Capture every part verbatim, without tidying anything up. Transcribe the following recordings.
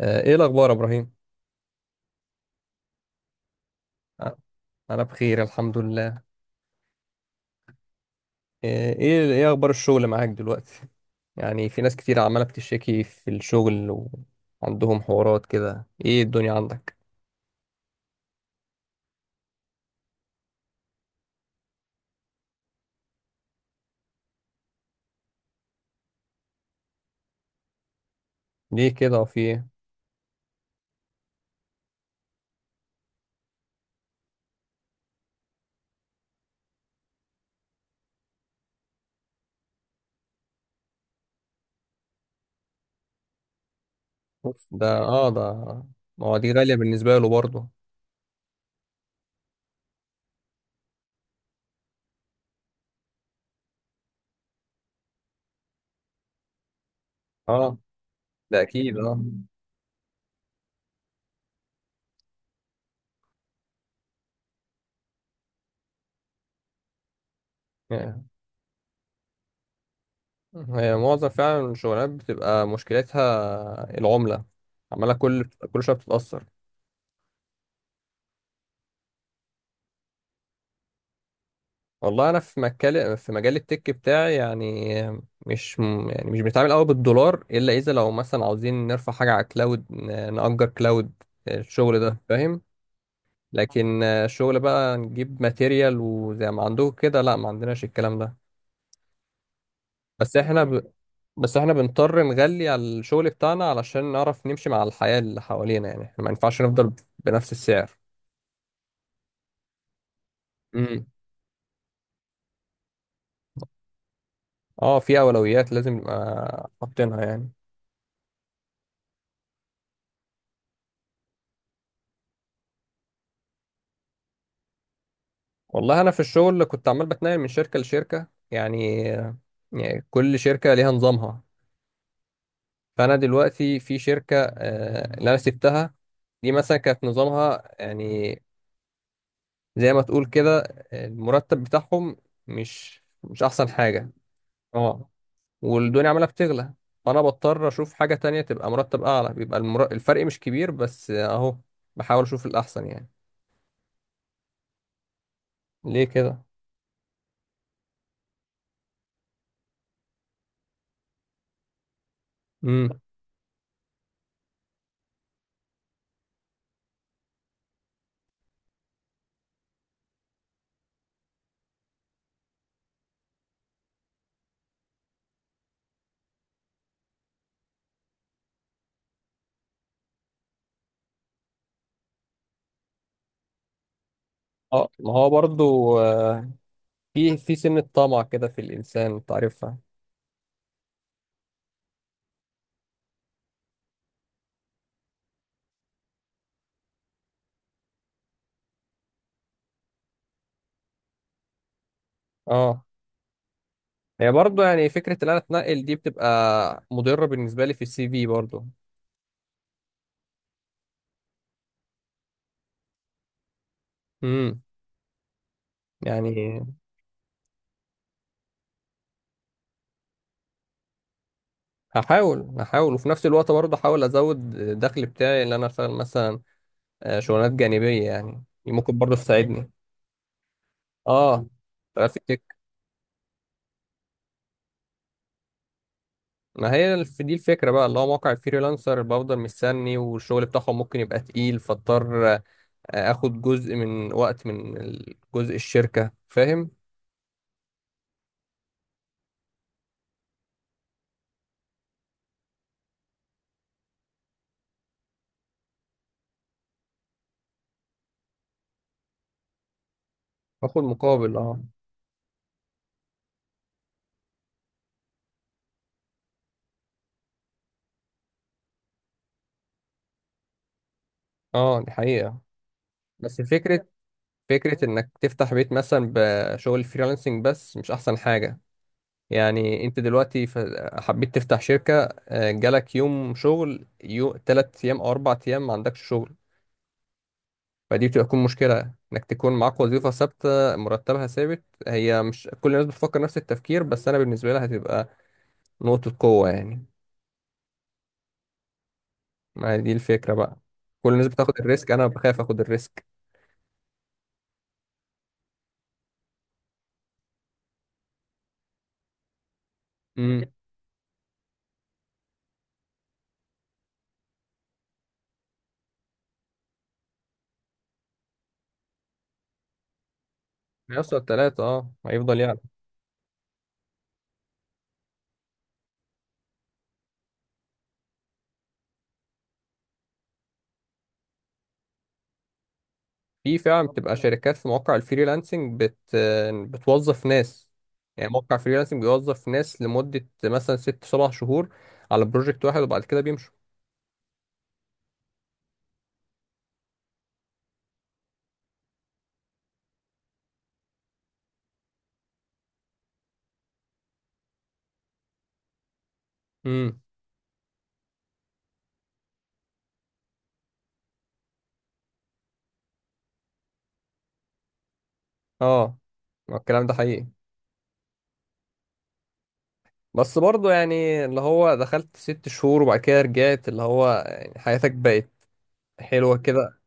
آه، ايه الاخبار يا ابراهيم؟ آه، انا بخير، الحمد لله. آه، ايه ايه اخبار الشغل معاك دلوقتي؟ يعني في ناس كتير عماله بتشتكي في الشغل وعندهم حوارات كده، ايه الدنيا عندك؟ ليه كده؟ وفي ايه؟ اوف، ده اه ده ما هو دي غاليه بالنسبه له برضه. اه، ده اكيد، اه. يعني هي معظم فعلا الشغلات بتبقى مشكلتها العمله، عماله كل كل شويه بتتاثر. والله انا في مجال في مجال التك بتاعي يعني. مش م- يعني مش بنتعامل قوي بالدولار، الا اذا لو مثلا عاوزين نرفع حاجه على كلاود، ن- نأجر كلاود. الشغل ده، فاهم؟ لكن آه، شغل بقى نجيب ماتيريال وزي ما عندكم كده، لا ما عندناش الكلام ده. بس احنا ب... بس احنا بنضطر نغلي على الشغل بتاعنا علشان نعرف نمشي مع الحياه اللي حوالينا، يعني احنا ما ينفعش نفضل بنفس السعر. امم. اه، في اولويات لازم نبقى حاطينها يعني. والله انا في الشغل كنت عمال بتنقل من شركه لشركه يعني. يعني كل شركه ليها نظامها. فانا دلوقتي في شركه، آه، اللي انا سبتها دي، مثلا كانت نظامها يعني زي ما تقول كده، آه، المرتب بتاعهم مش مش احسن حاجه. اه، والدنيا عماله بتغلى، فانا بضطر اشوف حاجه تانية تبقى مرتب اعلى، بيبقى المر... الفرق مش كبير بس آه، اهو، بحاول اشوف الاحسن يعني. ليه كده؟ امم. اه، ما هو برضو في في سنة طمع كده في الإنسان، أنت عارفها. اه، هي برضه يعني فكرة إن أنا أتنقل دي بتبقى مضرة بالنسبة لي في السي في برضه. امم، يعني هحاول هحاول وفي نفس الوقت برضه أحاول أزود الدخل بتاعي، اللي أنا أشتغل مثلا آه، شغلانات جانبية، يعني دي ممكن برضه تساعدني. اه، شغال في التك. ما هي الف- دي الفكرة بقى، اللي هو موقع الفريلانسر بفضل مستني والشغل بتاعهم ممكن يبقى تقيل، فاضطر آه، آخد جزء من وقت، من ال- جزء الشركة، فاهم؟ باخد مقابل، اه. اه، دي حقيقة. بس فكرة فكرة انك تفتح بيت مثلا بشغل فريلانسنج، بس مش احسن حاجة. يعني انت دلوقتي ف- حبيت تفتح شركة، آه، جالك يوم شغل، يو تلات ايام او اربع ايام ما عندكش شغل. فدي بتبقى تكون مشكلة، انك تكون معاك وظيفة ثابتة مرتبها ثابت. هي مش كل الناس بتفكر نفس التفكير، بس انا بالنسبة لها هتبقى نقطة قوة يعني. ما دي الفكرة بقى، كل الناس بتاخد الريسك، انا بخاف اخد الريسك. امم. يوصل تلاتة، اه، هيفضل يعلى. في فعلا بتبقى شركات في مواقع الفريلانسنج بت بتوظف ناس. يعني موقع فريلانسنج بيوظف ناس لمدة مثلا ست سبع شهور على بروجكت واحد، وبعد كده بيمشوا. امم. اه، ما الكلام ده حقيقي، بس برضه يعني اللي هو دخلت ست شهور وبعد كده رجعت، اللي هو يعني حياتك بقت حلوة كده.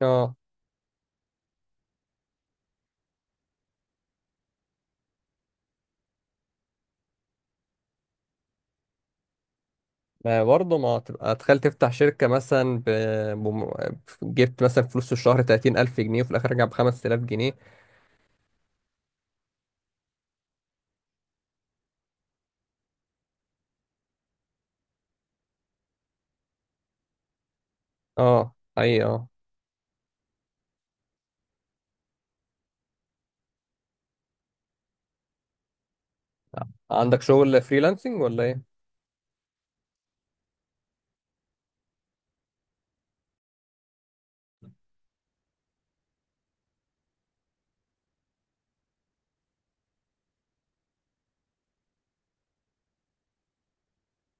اه، ما برضه ما تبقى تخيل تفتح شركة مثلا ب... بم... جبت مثلا فلوس في الشهر ثلاثين الف جنيه، وفي الآخر رجع ب خمسة آلاف جنيه. اه، أي اه. عندك شغل فريلانسنج ولا ايه؟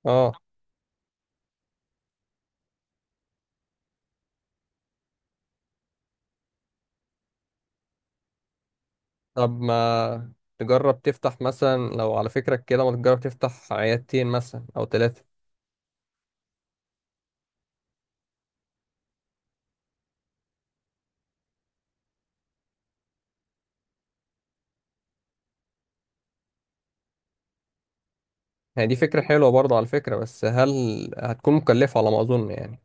اه، طب ما تجرب تفتح مثلا، لو على فكرك كده، ما تجرب تفتح عيادتين مثلا او ثلاثة؟ هي دي فكرة حلوة برضه، على فكرة، بس هل هتكون مكلفة، على ما اظن يعني؟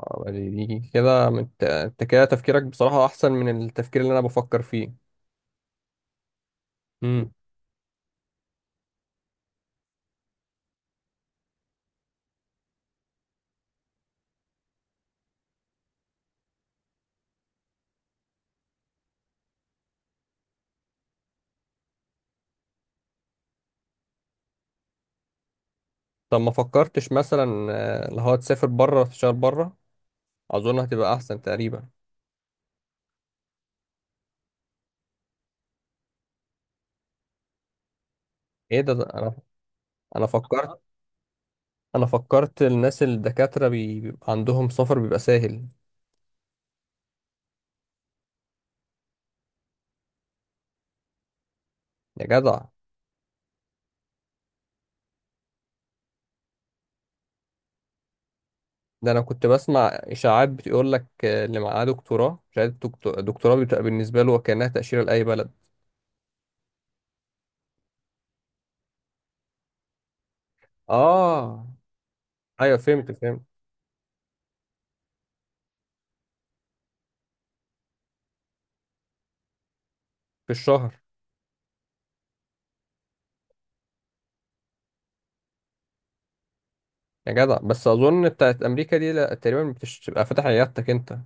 آه، دي دي كده، مت- انت كده تفكيرك بصراحة احسن من التفكير اللي انا بفكر فيه. امم. طب ما فكرتش مثلا آه، اللي هو تسافر بره تشتغل بره؟ اظن هتبقى احسن تقريبا. ايه ده؟ ده انا انا فكرت انا فكرت الناس الدكاترة بي... بيبقى عندهم سفر، بيبقى سهل. يا جدع، ده انا كنت بسمع اشاعات بتقول لك اللي معاه دكتوراه، شهاده دكتو- دكتوراه بتبقى بالنسبه له وكانها تاشيره لاي بلد. اه، ايوه فهمت فهمت. في الشهر. يا جدع، بس اظن بتاعت امريكا دي لا تقريبا، بتش- بتبقى فاتح عيادتك انت.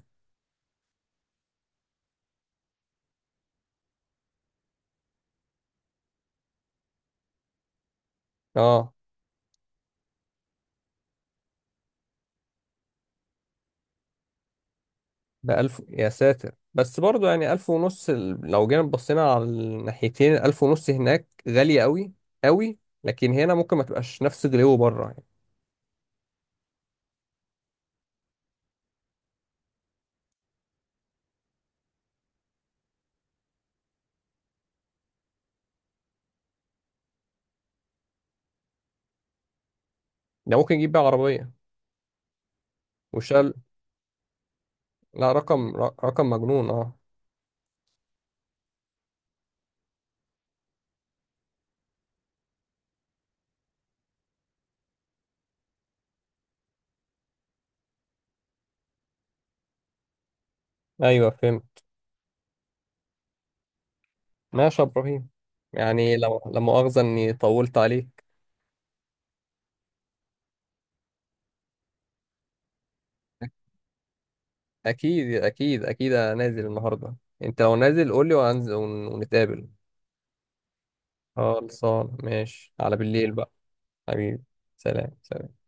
اه، ده الف يا ساتر، بس برضو يعني الف ونص. ال- لو جينا بصينا على الناحيتين، الف ونص هناك غالية قوي قوي، لكن هنا ممكن ما تبقاش نفس غلو بره يعني. ده ممكن يجيب بقى عربية وشال. لا، رقم ر- رقم مجنون، اه. ايوه، فهمت. ماشي يا ابراهيم، يعني لو لا مؤاخذه اني طولت عليك. اكيد اكيد اكيد، انا نازل النهارده. انت لو نازل قول لي، وهنزل ون- ونتقابل. خلصان، ماشي، على بالليل بقى. حبيبي. سلام سلام.